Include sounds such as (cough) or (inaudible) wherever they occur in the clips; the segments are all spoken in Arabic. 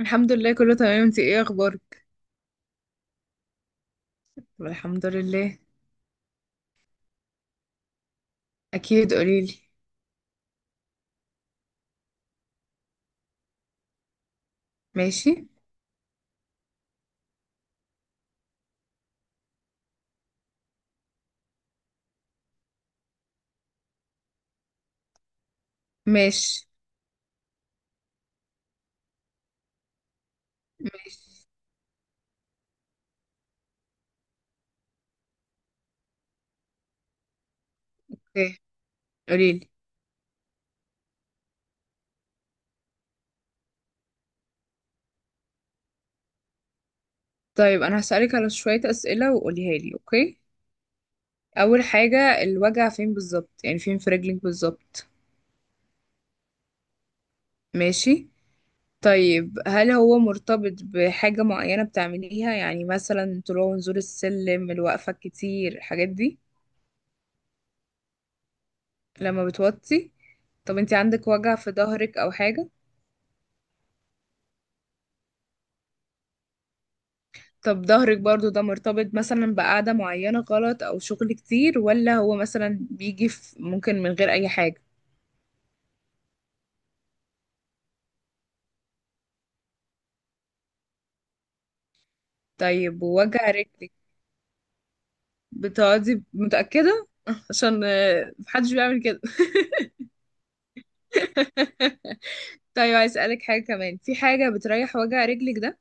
الحمد لله، كله تمام. انتي ايه اخبارك؟ طب الحمد لله. اكيد، قوليلي. ماشي. ماشي. ماشي. اوكي، قوليلي. طيب انا هسألك على شوية اسئلة وقوليها لي، اوكي؟ اول حاجة، الوجع فين بالظبط؟ يعني فين في رجلك بالظبط؟ ماشي. طيب، هل هو مرتبط بحاجة معينة بتعمليها؟ يعني مثلا طلوع ونزول السلم، الوقفة كتير، الحاجات دي؟ لما بتوطي؟ طب انتي عندك وجع في ظهرك او حاجة؟ طب ظهرك برضو، ده مرتبط مثلا بقعدة معينة غلط أو شغل كتير، ولا هو مثلا بيجي في، ممكن من غير أي حاجة؟ طيب، ووجع رجلك؟ بتقعدي متأكدة؟ (laughs) عشان محدش بيعمل كده. (laughs) طيب، عايز أسألك حاجة كمان. في حاجة بتريح وجع رجلك ده؟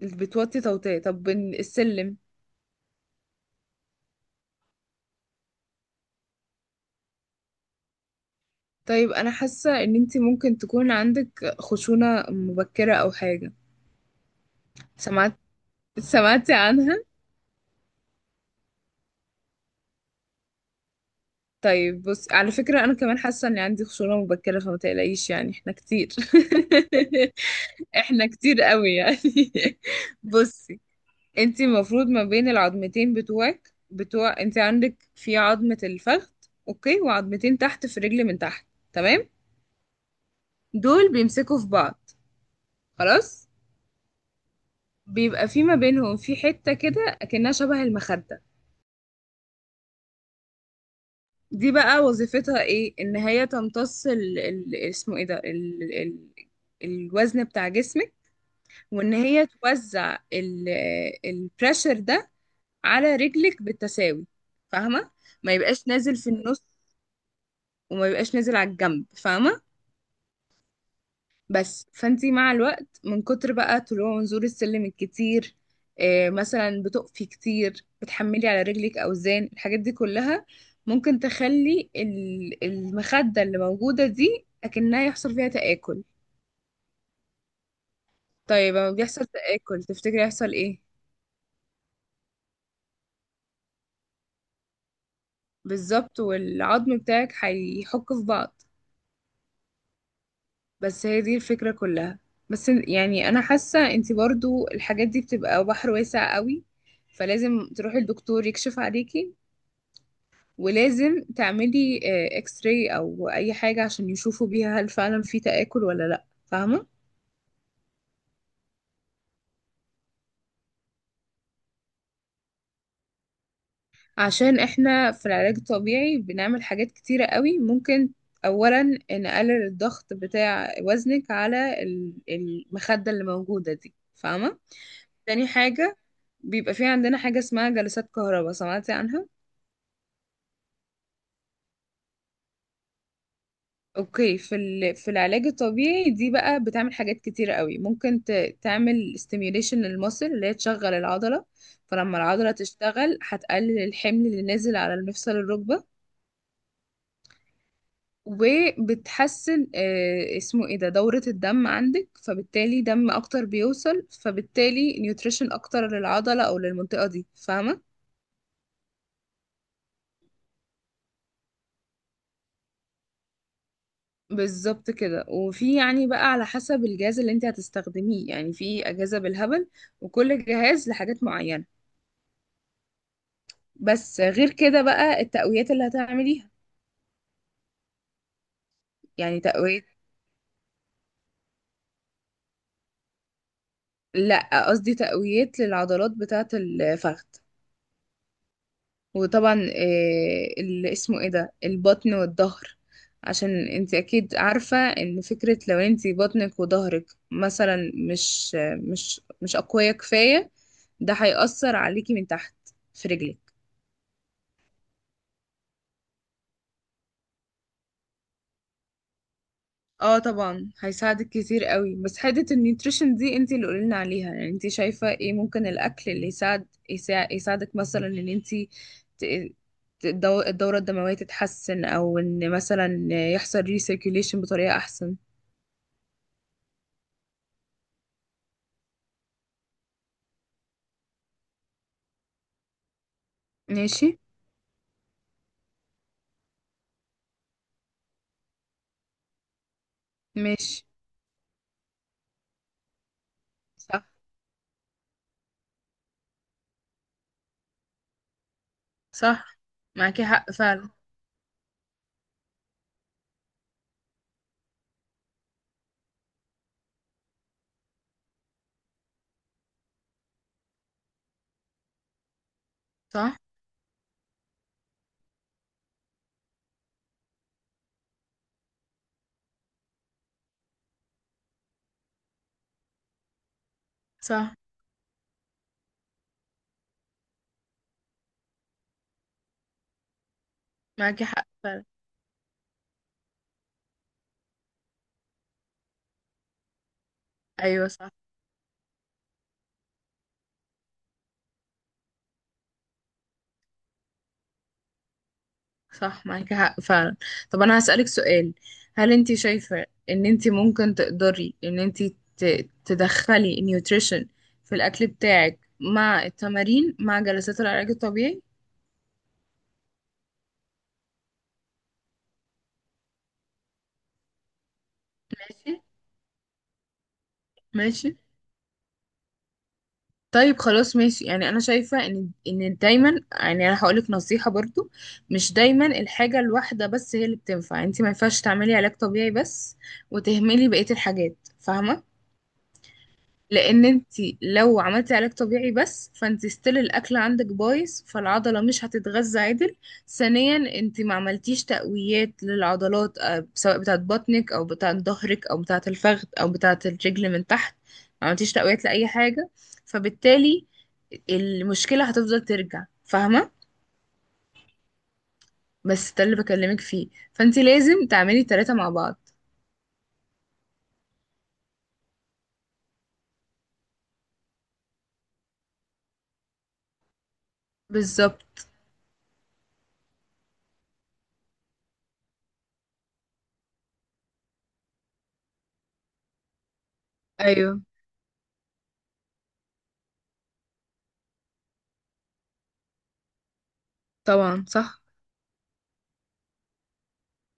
بتوطي توطية. طب السلم؟ طيب، أنا حاسة إن أنتي ممكن تكون عندك خشونة مبكرة أو حاجة. سمعت؟ سمعتي عنها؟ طيب، بص، على فكرة أنا كمان حاسة إن عندي خشونة مبكرة، فما تقلقيش. يعني إحنا كتير. (laughs) إحنا كتير قوي يعني. (laughs) بصي، أنت المفروض ما بين العظمتين بتوعك، بتوع أنت عندك، في عظمة الفخذ. أوكي، وعظمتين تحت في رجل من تحت. تمام. دول بيمسكوا في بعض. خلاص. بيبقى في ما بينهم في حتة كده أكنها شبه المخدة. دي بقى وظيفتها إيه؟ إن هي تمتص اسمه إيه ده، الوزن بتاع جسمك. وان هي توزع البريشر ده على رجلك بالتساوي. فاهمه؟ ما يبقاش نازل في النص، وما يبقاش نازل على الجنب، فاهمه؟ بس فانتي مع الوقت، من كتر بقى طلوع ونزول السلم الكتير، مثلا بتقفي كتير، بتحملي على رجلك اوزان، الحاجات دي كلها ممكن تخلي المخده اللي موجوده دي اكنها يحصل فيها تآكل. طيب، لما بيحصل تآكل تفتكري يحصل ايه؟ بالظبط، والعظم بتاعك هيحك في بعض. بس هي دي الفكرة كلها. بس يعني انا حاسة انتي برضو الحاجات دي بتبقى بحر واسع قوي. فلازم تروحي الدكتور يكشف عليكي، ولازم تعملي اكس راي او اي حاجة عشان يشوفوا بيها هل فعلا في تآكل ولا لا، فاهمة؟ عشان احنا في العلاج الطبيعي بنعمل حاجات كتيرة قوي. ممكن اولا نقلل الضغط بتاع وزنك على المخدة اللي موجودة دي، فاهمة؟ تاني حاجة، بيبقى في عندنا حاجة اسمها جلسات كهرباء. سمعتي عنها؟ اوكي. في العلاج الطبيعي دي بقى بتعمل حاجات كتيرة قوي، ممكن تعمل stimulation للمصل، اللي هي تشغل العضلة. فلما العضلة تشتغل هتقلل الحمل اللي نازل على المفصل، الركبة. وبتحسن اسمه ايه ده، دورة الدم عندك. فبالتالي دم اكتر بيوصل، فبالتالي نيوتريشن اكتر للعضلة او للمنطقة دي، فاهمة؟ بالظبط كده. وفي يعني بقى على حسب الجهاز اللي انت هتستخدميه، يعني في اجهزة بالهبل. وكل جهاز لحاجات معينة. بس غير كده بقى التقويات اللي هتعمليها. يعني تقوية. لا، قصدي تقويات للعضلات بتاعة الفخذ. وطبعا اللي اسمه ايه ده، البطن والظهر. عشان انت اكيد عارفة ان فكرة لو انت بطنك وظهرك مثلا مش مش مش اقوية كفاية، ده هيأثر عليكي من تحت، في رجلك. اه، طبعا هيساعدك كتير قوي. بس حته النيوتريشن دي انت اللي قولنا عليها، يعني انت شايفه ايه ممكن الاكل اللي يساعدك مثلا ان انت ت- الدوره الدمويه تتحسن، او ان مثلا يحصل ريسيركيوليشن بطريقه احسن. ماشي. ماشي. صح. صح. معاكي حق فعلا. صح. صح. معاكي حق فعلا. ايوه، صح. صح. معاكي حق فعلا. طب انا هسألك سؤال. هل انت شايفة ان انت ممكن تقدري ان انت تدخلي النيوتريشن في الاكل بتاعك مع التمارين مع جلسات العلاج الطبيعي؟ ماشي. ماشي. طيب، خلاص، ماشي. يعني انا شايفة ان دايما، يعني انا هقولك نصيحة برضو. مش دايما الحاجة الواحدة بس هي اللي بتنفع. انت ما ينفعش تعملي علاج طبيعي بس وتهملي بقية الحاجات، فاهمة؟ لان انت لو عملتي علاج طبيعي بس، فانت ستيل الاكل عندك بايظ، فالعضله مش هتتغذى عدل. ثانيا، انت ما عملتيش تقويات للعضلات، سواء بتاعه بطنك او بتاعه ظهرك او بتاعه الفخذ او بتاعه الرجل من تحت. ما عملتيش تقويات لاي حاجه. فبالتالي المشكله هتفضل ترجع، فاهمه؟ بس ده اللي بكلمك فيه. فانت لازم تعملي التلاته مع بعض. بالظبط. ايوه. طبعا، صح.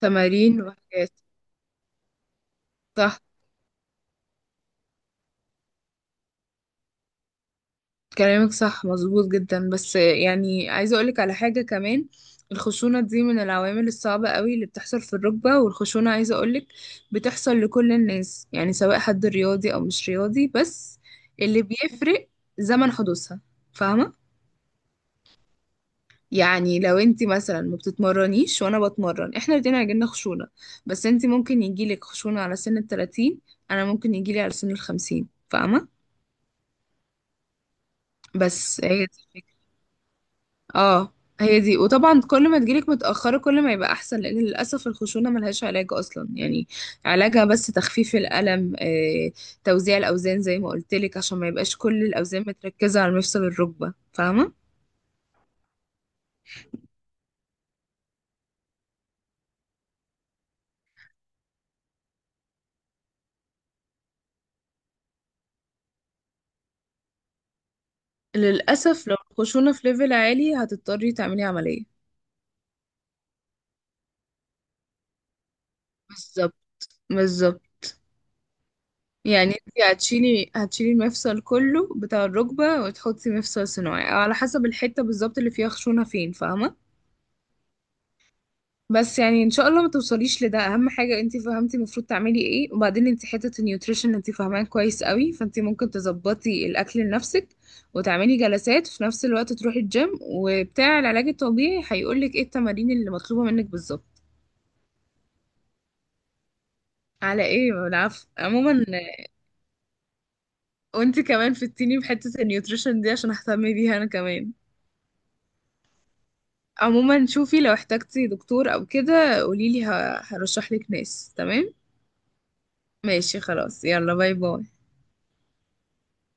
تمارين وحاجات. صح. كلامك صح، مظبوط جدا. بس يعني عايزة أقولك على حاجة كمان. الخشونة دي من العوامل الصعبة قوي اللي بتحصل في الركبة، والخشونة عايزة أقولك بتحصل لكل الناس، يعني سواء حد رياضي أو مش رياضي. بس اللي بيفرق زمن حدوثها. فاهمة؟ يعني لو انتي مثلا ما بتتمرنيش وانا بتمرن، احنا الاتنين هيجيلنا خشونة. بس انتي ممكن يجيلك خشونة على سن التلاتين، انا ممكن يجيلي على سن الخمسين، فاهمة؟ بس هي دي الفكرة. اه، هي دي. وطبعا كل ما تجيلك متأخرة كل ما يبقى أحسن، لأن للأسف الخشونة ملهاش علاج أصلا يعني. علاجها بس تخفيف الألم، توزيع الأوزان زي ما قلتلك، عشان ما يبقاش كل الأوزان متركزة على مفصل الركبة، فاهمة؟ للأسف، لو الخشونة في ليفل عالي هتضطري تعملي عملية. بالظبط. بالظبط. يعني انت هتشيلي المفصل كله بتاع الركبة، وتحطي مفصل صناعي، أو على حسب الحتة بالظبط اللي فيها خشونة فين، فاهمة؟ بس يعني ان شاء الله ما توصليش لده. اهم حاجه انت فهمتي المفروض تعملي ايه، وبعدين انت حته النيوتريشن انت فاهماه كويس قوي، فانت ممكن تظبطي الاكل لنفسك وتعملي جلسات في نفس الوقت، تروحي الجيم، وبتاع العلاج الطبيعي هيقولك ايه التمارين اللي مطلوبه منك بالظبط. على ايه، العفو. عموما، وانت كمان فدتيني بحته النيوتريشن دي عشان اهتم بيها انا كمان. عموما، شوفي لو احتجتي دكتور او كده قوليلي هرشحلك ناس، تمام؟ ماشي، خلاص، يلا، باي باي.